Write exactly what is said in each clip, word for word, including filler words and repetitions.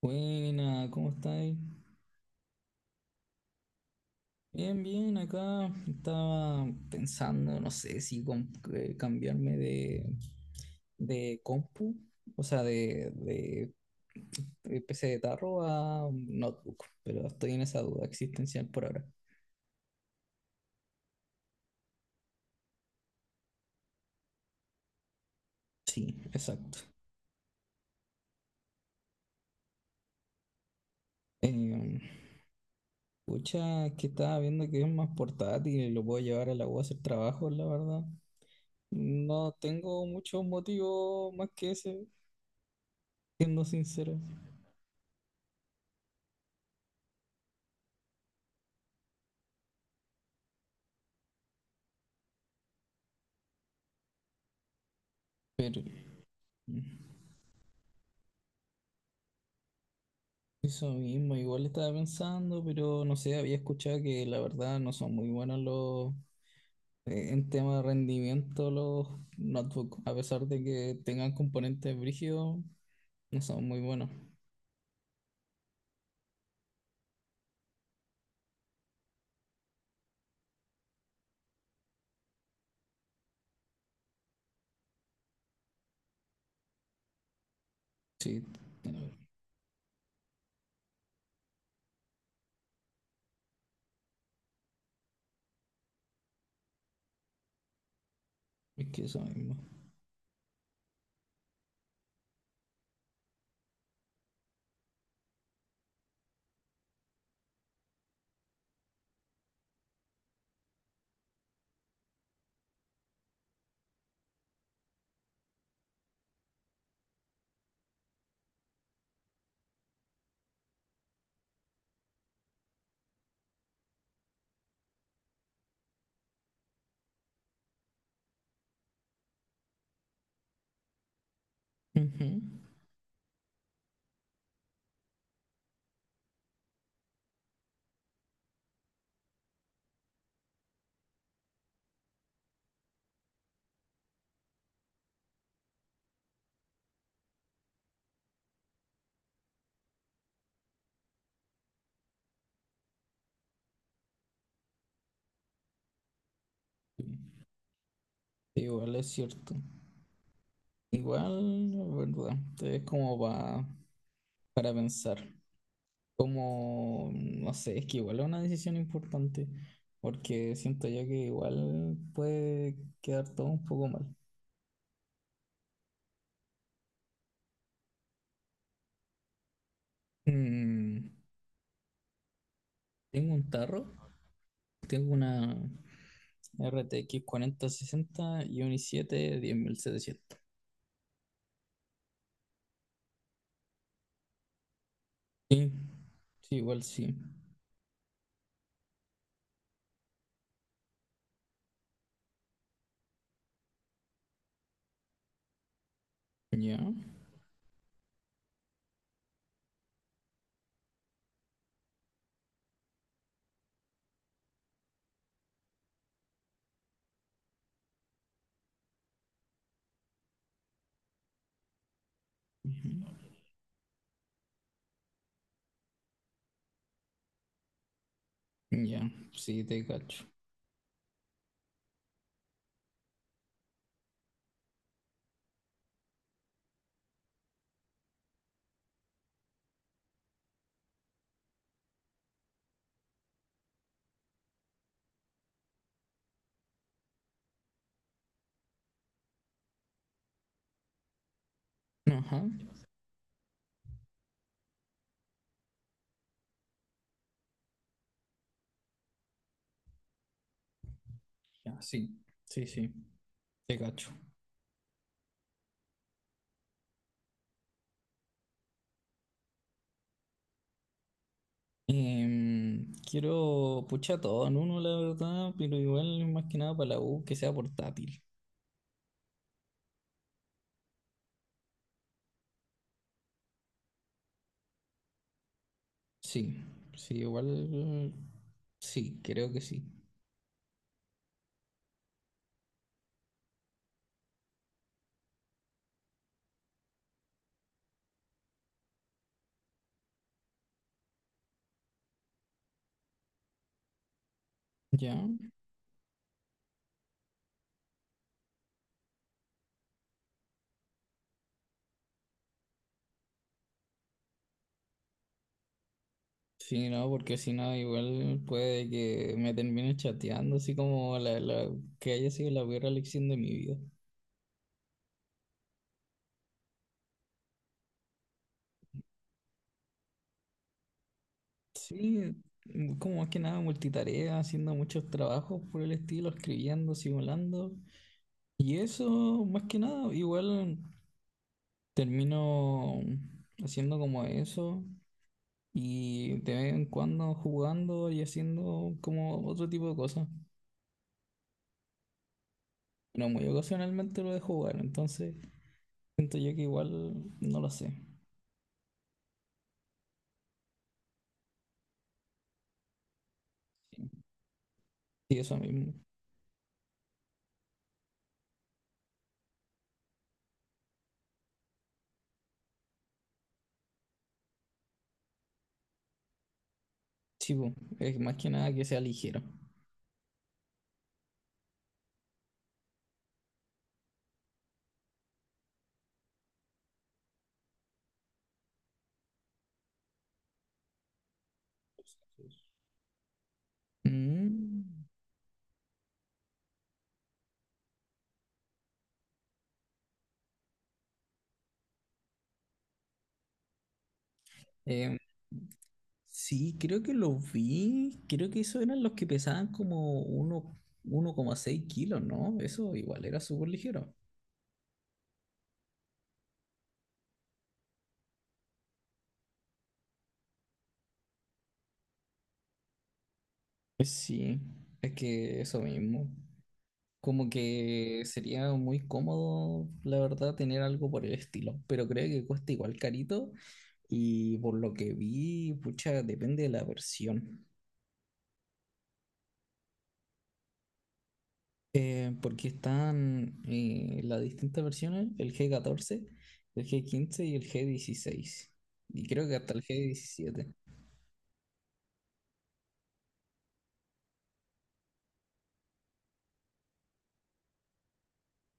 Buena, ¿cómo estáis? Bien, bien, acá estaba pensando, no sé si com- eh, cambiarme de, de compu, o sea, de, de- de P C de tarro a notebook, pero estoy en esa duda existencial por ahora. Sí, exacto. Eh, Pucha, es que estaba viendo que es más portátil y lo puedo llevar a la U a hacer trabajo, la verdad. No tengo muchos motivos más que ese, siendo sincero, pero... mm. Eso mismo, igual estaba pensando, pero no sé, había escuchado que la verdad no son muy buenos los eh, en tema de rendimiento los notebooks, a pesar de que tengan componentes brígidos, no son muy buenos. Sí, no, es que eso mismo. Ujú. Igual es cierto. Igual, la verdad, es como pa- para pensar. Como, no sé, es que igual es una decisión importante, porque siento yo que igual puede quedar todo un poco mal. Mm, Tengo un tarro, tengo una R T X sesenta y un i siete diez mil setecientos. Sí, sí, igual sí. Ya, ujú, ya, sí, te cacho. Ajá, ya, sí, sí, sí, te cacho. Em, quiero, pucha, todo en uno, la verdad, pero igual más que nada para la U que sea portátil. Sí, sí, igual, sí, creo que sí. Ya, sí, no, porque si no, igual puede que me termine chateando, así como la, la- que haya sido la peor elección de mi vida. Sí, como más que nada multitarea, haciendo muchos trabajos por el estilo, escribiendo, simulando. Y eso, más que nada, igual. Termino haciendo como eso y de vez en cuando jugando y haciendo como otro tipo de cosas. Pero muy ocasionalmente lo de jugar, entonces siento yo que igual no lo sé. Sí, eso mismo. Sí, po, es más que nada que sea ligero. Mm, eh, sí, creo que lo vi. Creo que esos eran los que pesaban como uno, uno coma seis kilos, ¿no? Eso igual era súper ligero. Eh, Sí, es que eso mismo. Como que sería muy cómodo, la verdad, tener algo por el estilo, pero creo que cuesta igual carito y por lo que vi, pucha, depende de la versión. Eh, porque están eh, las distintas versiones, el G catorce, el G quince y el G dieciséis. Y creo que hasta el G diecisiete.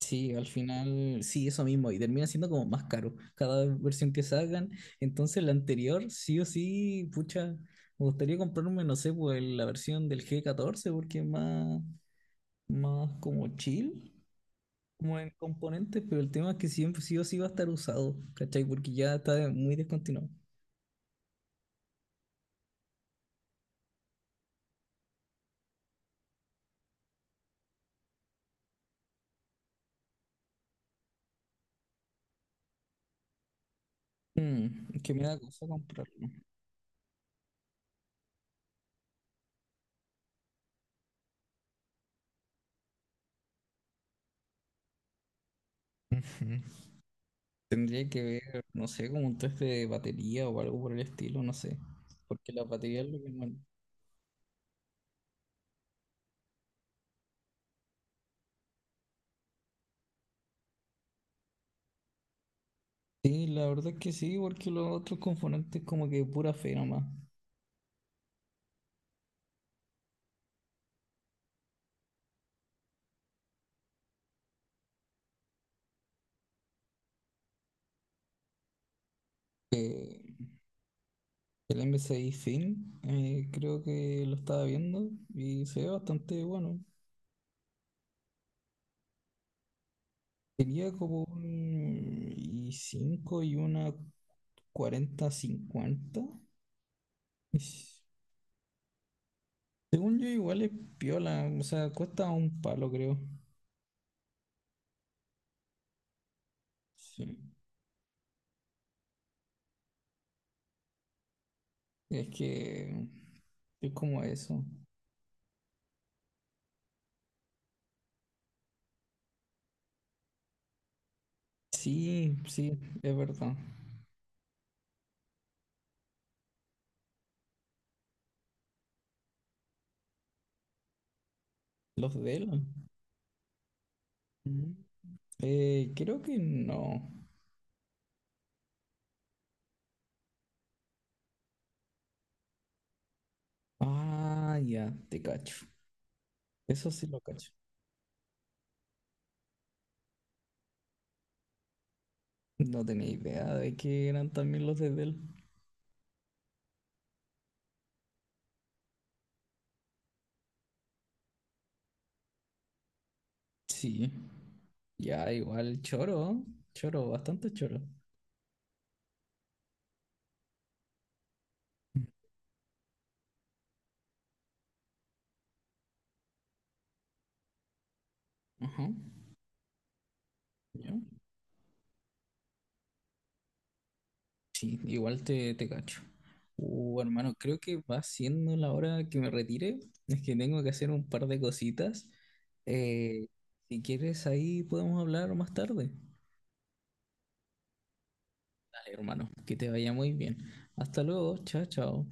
Sí, al final, sí, eso mismo, y termina siendo como más caro cada versión que sacan. Entonces, la anterior, sí o sí, pucha, me gustaría comprarme, no sé, pues la versión del G catorce, porque es más, más como chill, como en componentes, pero el tema es que siempre sí o sí va a estar usado, ¿cachai? Porque ya está muy descontinuado. Mm, que me da cosa comprarlo. Ujú. Tendría que ver, no sé, como un test de batería o algo por el estilo, no sé. Porque la batería es lo que. Sí, la verdad que sí, porque los otros componentes como que pura fe nomás. Eh, el M S I Fin, eh, creo que lo estaba viendo y se ve bastante bueno. Tenía como un y cinco y una cuarenta cincuenta. Y s- Según yo igual es piola, o sea, cuesta un palo creo. Sí. Es que es como eso. Sí, sí, es verdad. Los Dell. Eh, creo que no. Ah, ya, te cacho. Eso sí lo cacho. No tenía idea de que eran también los de Dell. Sí. Ya, igual, choro. Choro, bastante choro. Ajá. Ya. Sí, igual te, te cacho. Uh, hermano, creo que va siendo la hora que me retire. Es que tengo que hacer un par de cositas. Eh, si quieres, ahí podemos hablar más tarde. Dale, hermano, que te vaya muy bien. Hasta luego, chao, chao.